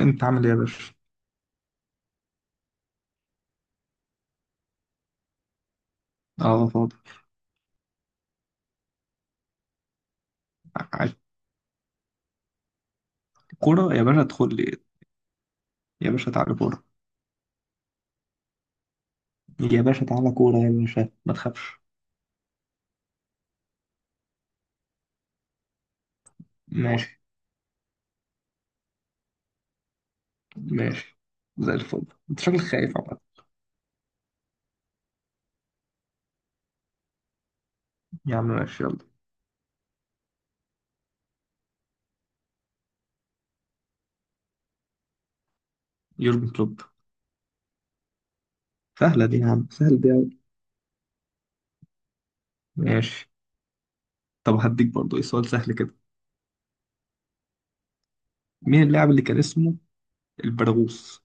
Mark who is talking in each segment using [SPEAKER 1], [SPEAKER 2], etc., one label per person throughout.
[SPEAKER 1] انت عامل ايه يا باشا؟ اه، فاضي. ع- كورة يا باشا، ادخل لي. يا باشا تعالى كورة. يا باشا تعالى كورة يا باشا، ما تخافش. ماشي. ماشي. زي الفل. انت شكلك خايف عامة. يا عم ماشي، يلا. يورجن كلوب. سهلة دي يا عم، سهل دي أوي. ماشي. طب هديك برضه ايه سؤال سهل كده. مين اللاعب اللي كان اسمه البرغوث؟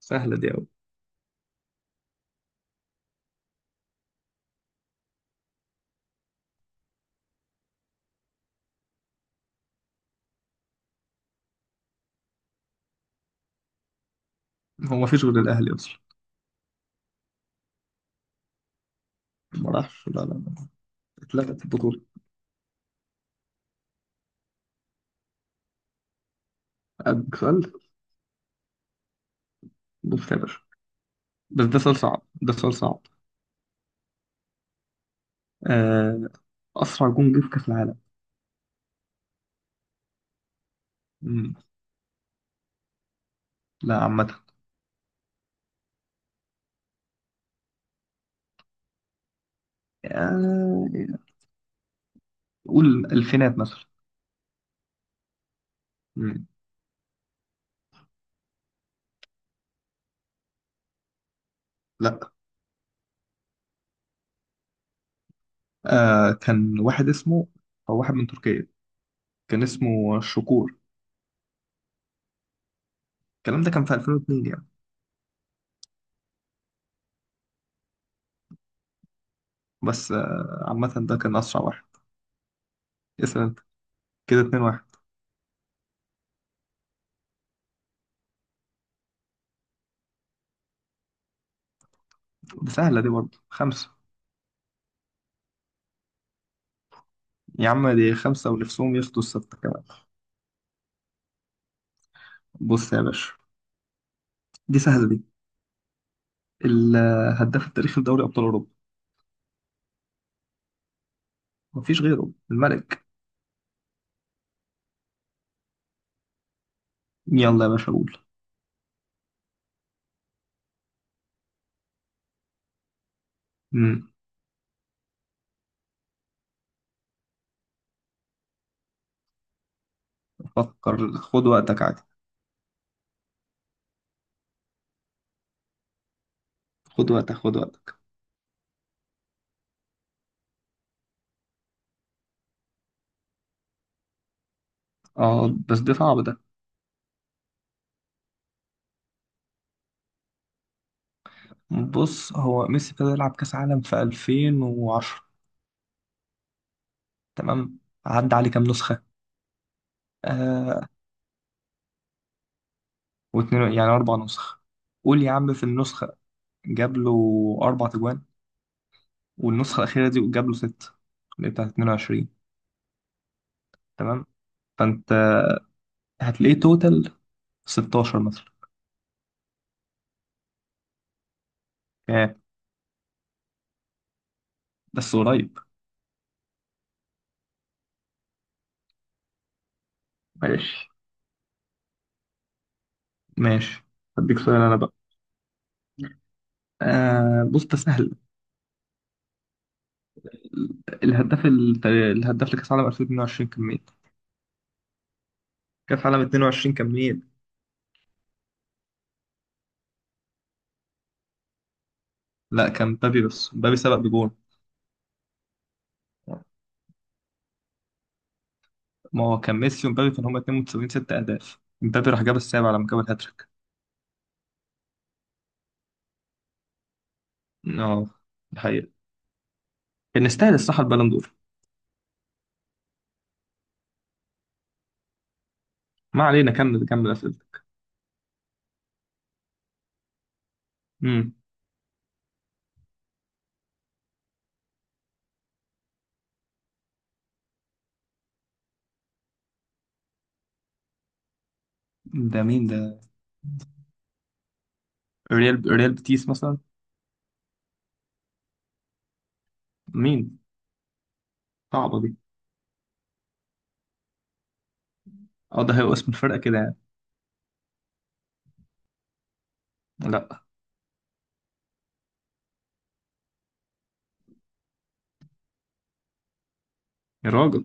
[SPEAKER 1] سهلة دي أوي. هو ما فيش غير الأهلي أصلا. ما راحش، لا لا لا. اتلغت البطولة. أديك سؤال. بص يا باشا. بس ده سؤال صعب، ده سؤال صعب. آه، أسرع جون جه في كأس العالم. مم. لا، عامة. آه، قول الفينات مثلا. مم. لا. كان واحد اسمه، أو واحد من تركيا، كان اسمه شكور. الكلام ده كان في 2002 يعني. بس عامة ده كان أسرع واحد. اسأل أنت. كده 2 واحد. دي سهلة دي برضه، خمسة. يا عم دي خمسة، ونفسهم ياخدوا الستة كمان. بص يا باشا، دي سهلة دي. الهداف التاريخي لدوري أبطال أوروبا. مفيش غيره الملك. يلا يا باشا قول. مم. فكر، خد وقتك عادي. خد وقتك خد وقتك. اه بس ده صعب ده. بص، هو ميسي ابتدى يلعب كأس عالم في 2010. تمام. عدى عليه كام نسخة؟ آه واتنين يعني أربع نسخ. قول يا عم في النسخة. جاب له أربع تجوان. والنسخة الأخيرة دي جاب له ستة، اللي هي بتاعت 22. تمام. فأنت هتلاقيه توتال 16 مثلا. آه بس قريب. ماشي. ماشي. هديك سؤال أنا بقى. آه، بص ده سهل. الهداف لكأس عالم 2022 كان مين؟ كأس عالم 22 كان مين؟ لا، كان مبابي، بس مبابي سبق بجول. ما هو كان ميسي ومبابي كانوا هما اتنين متساويين ست أهداف، مبابي راح جاب السابع لما جاب الهاتريك. اه، الحقيقة. كان يستاهل الصراحة البالون دور. ما علينا، كمل كمل أسئلتك. امم. ده مين ده؟ ريال بيتيس مثلا. مين؟ صعبة دي. اه، ده هيبقى اسم الفرقة كده يعني. لا. يا راجل،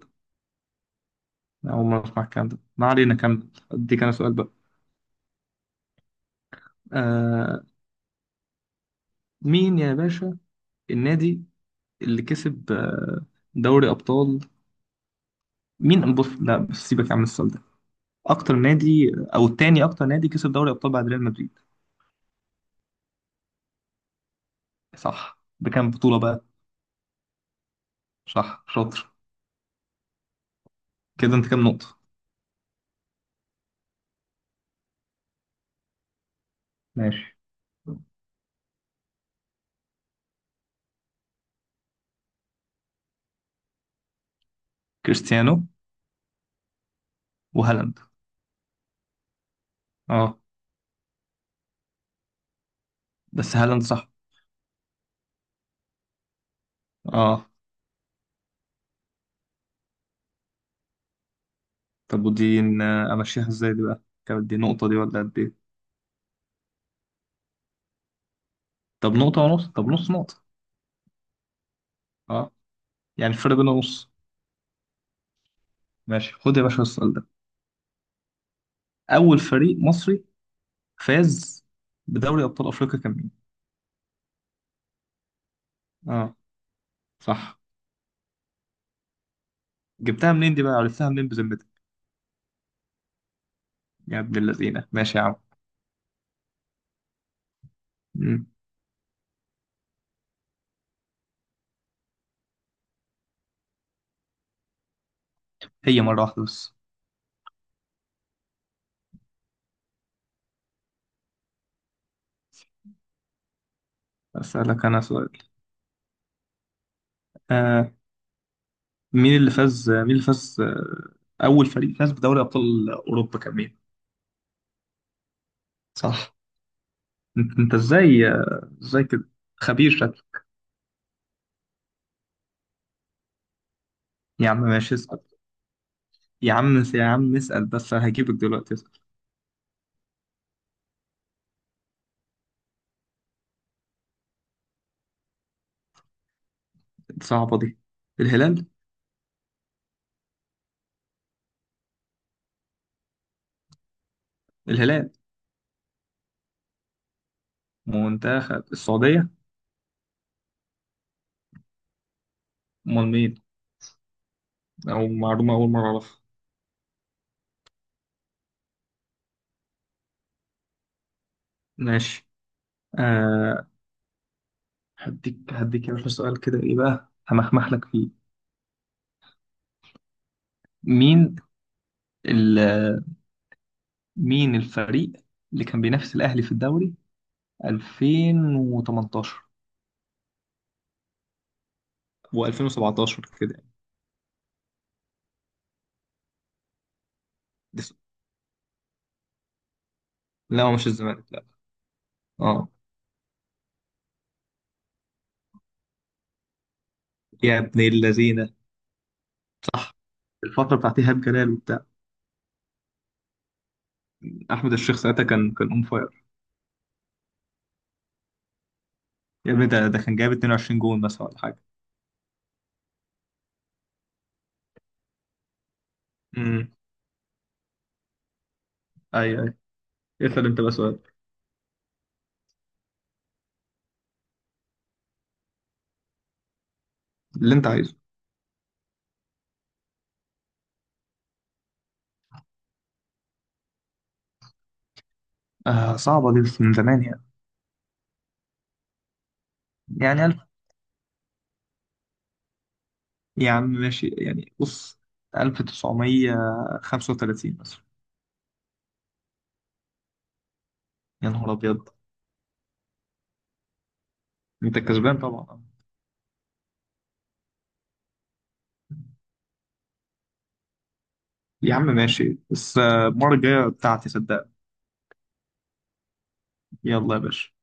[SPEAKER 1] أنا أول مرة أسمع الكلام ده. ما علينا كمل، أديك أنا سؤال بقى. آه. مين يا باشا؟ النادي اللي كسب دوري أبطال. مين؟ بص لا، بس سيبك يا عم السؤال ده. اكتر نادي او تاني اكتر نادي كسب دوري ابطال بعد ريال مدريد. صح، بكام بطولة بقى؟ صح شاطر. كده انت كام نقطة؟ ماشي. كريستيانو وهالاند. اه بس هالاند صح. اه. طب ودي امشيها ازاي دي بقى؟ كانت دي نقطة دي ولا قد ايه؟ طب نقطة ونص، طب نص نقطة. اه. يعني الفرق بيننا نص. ماشي. خد يا باشا السؤال ده. اول فريق مصري فاز بدوري ابطال افريقيا كان مين؟ اه، صح. جبتها منين دي بقى؟ عرفتها منين بذمتك؟ يا ابن اللذينة. ماشي يا عم. هي مرة واحدة بس. أسألك أنا سؤال. آه مين اللي فاز، أول فريق فاز بدوري أبطال أوروبا كان مين؟ صح. أنت إزاي كده. خبير شكلك. يا عم ماشي اسأل. يا عم، يا عم اسأل بس هجيبك دلوقتي، اسأل. صعبة دي. الهلال. الهلال. منتخب السعودية. أمال مين؟ أو معلومة أول مرة أعرفها. ماشي. آه، هديك يا باشا سؤال كده، إيه بقى همخمح لك فيه. مين مين الفريق اللي كان بينافس الأهلي في الدوري 2018 و2017 كده يعني. دس- لا هو مش الزمالك، لا. اه، يا ابن اللذينة، صح. الفترة بتاعت إيهاب جلال وبتاع أحمد الشيخ ساعتها كان أون فاير. يا ابني ده كان جايب 22 جون مثلا ولا حاجة. امم. أيوه أيوه. اسأل أنت بقى سؤال. اللي أنت عايزه. آه، صعبة دي بس من زمان يعني. يعني ألف. يا عم ماشي يعني، بص. 1935 مثلا. يا نهار أبيض. أنت كسبان طبعا. يا عم ماشي بس المرة الجاية بتاعتي صدق. يلا يا باشا.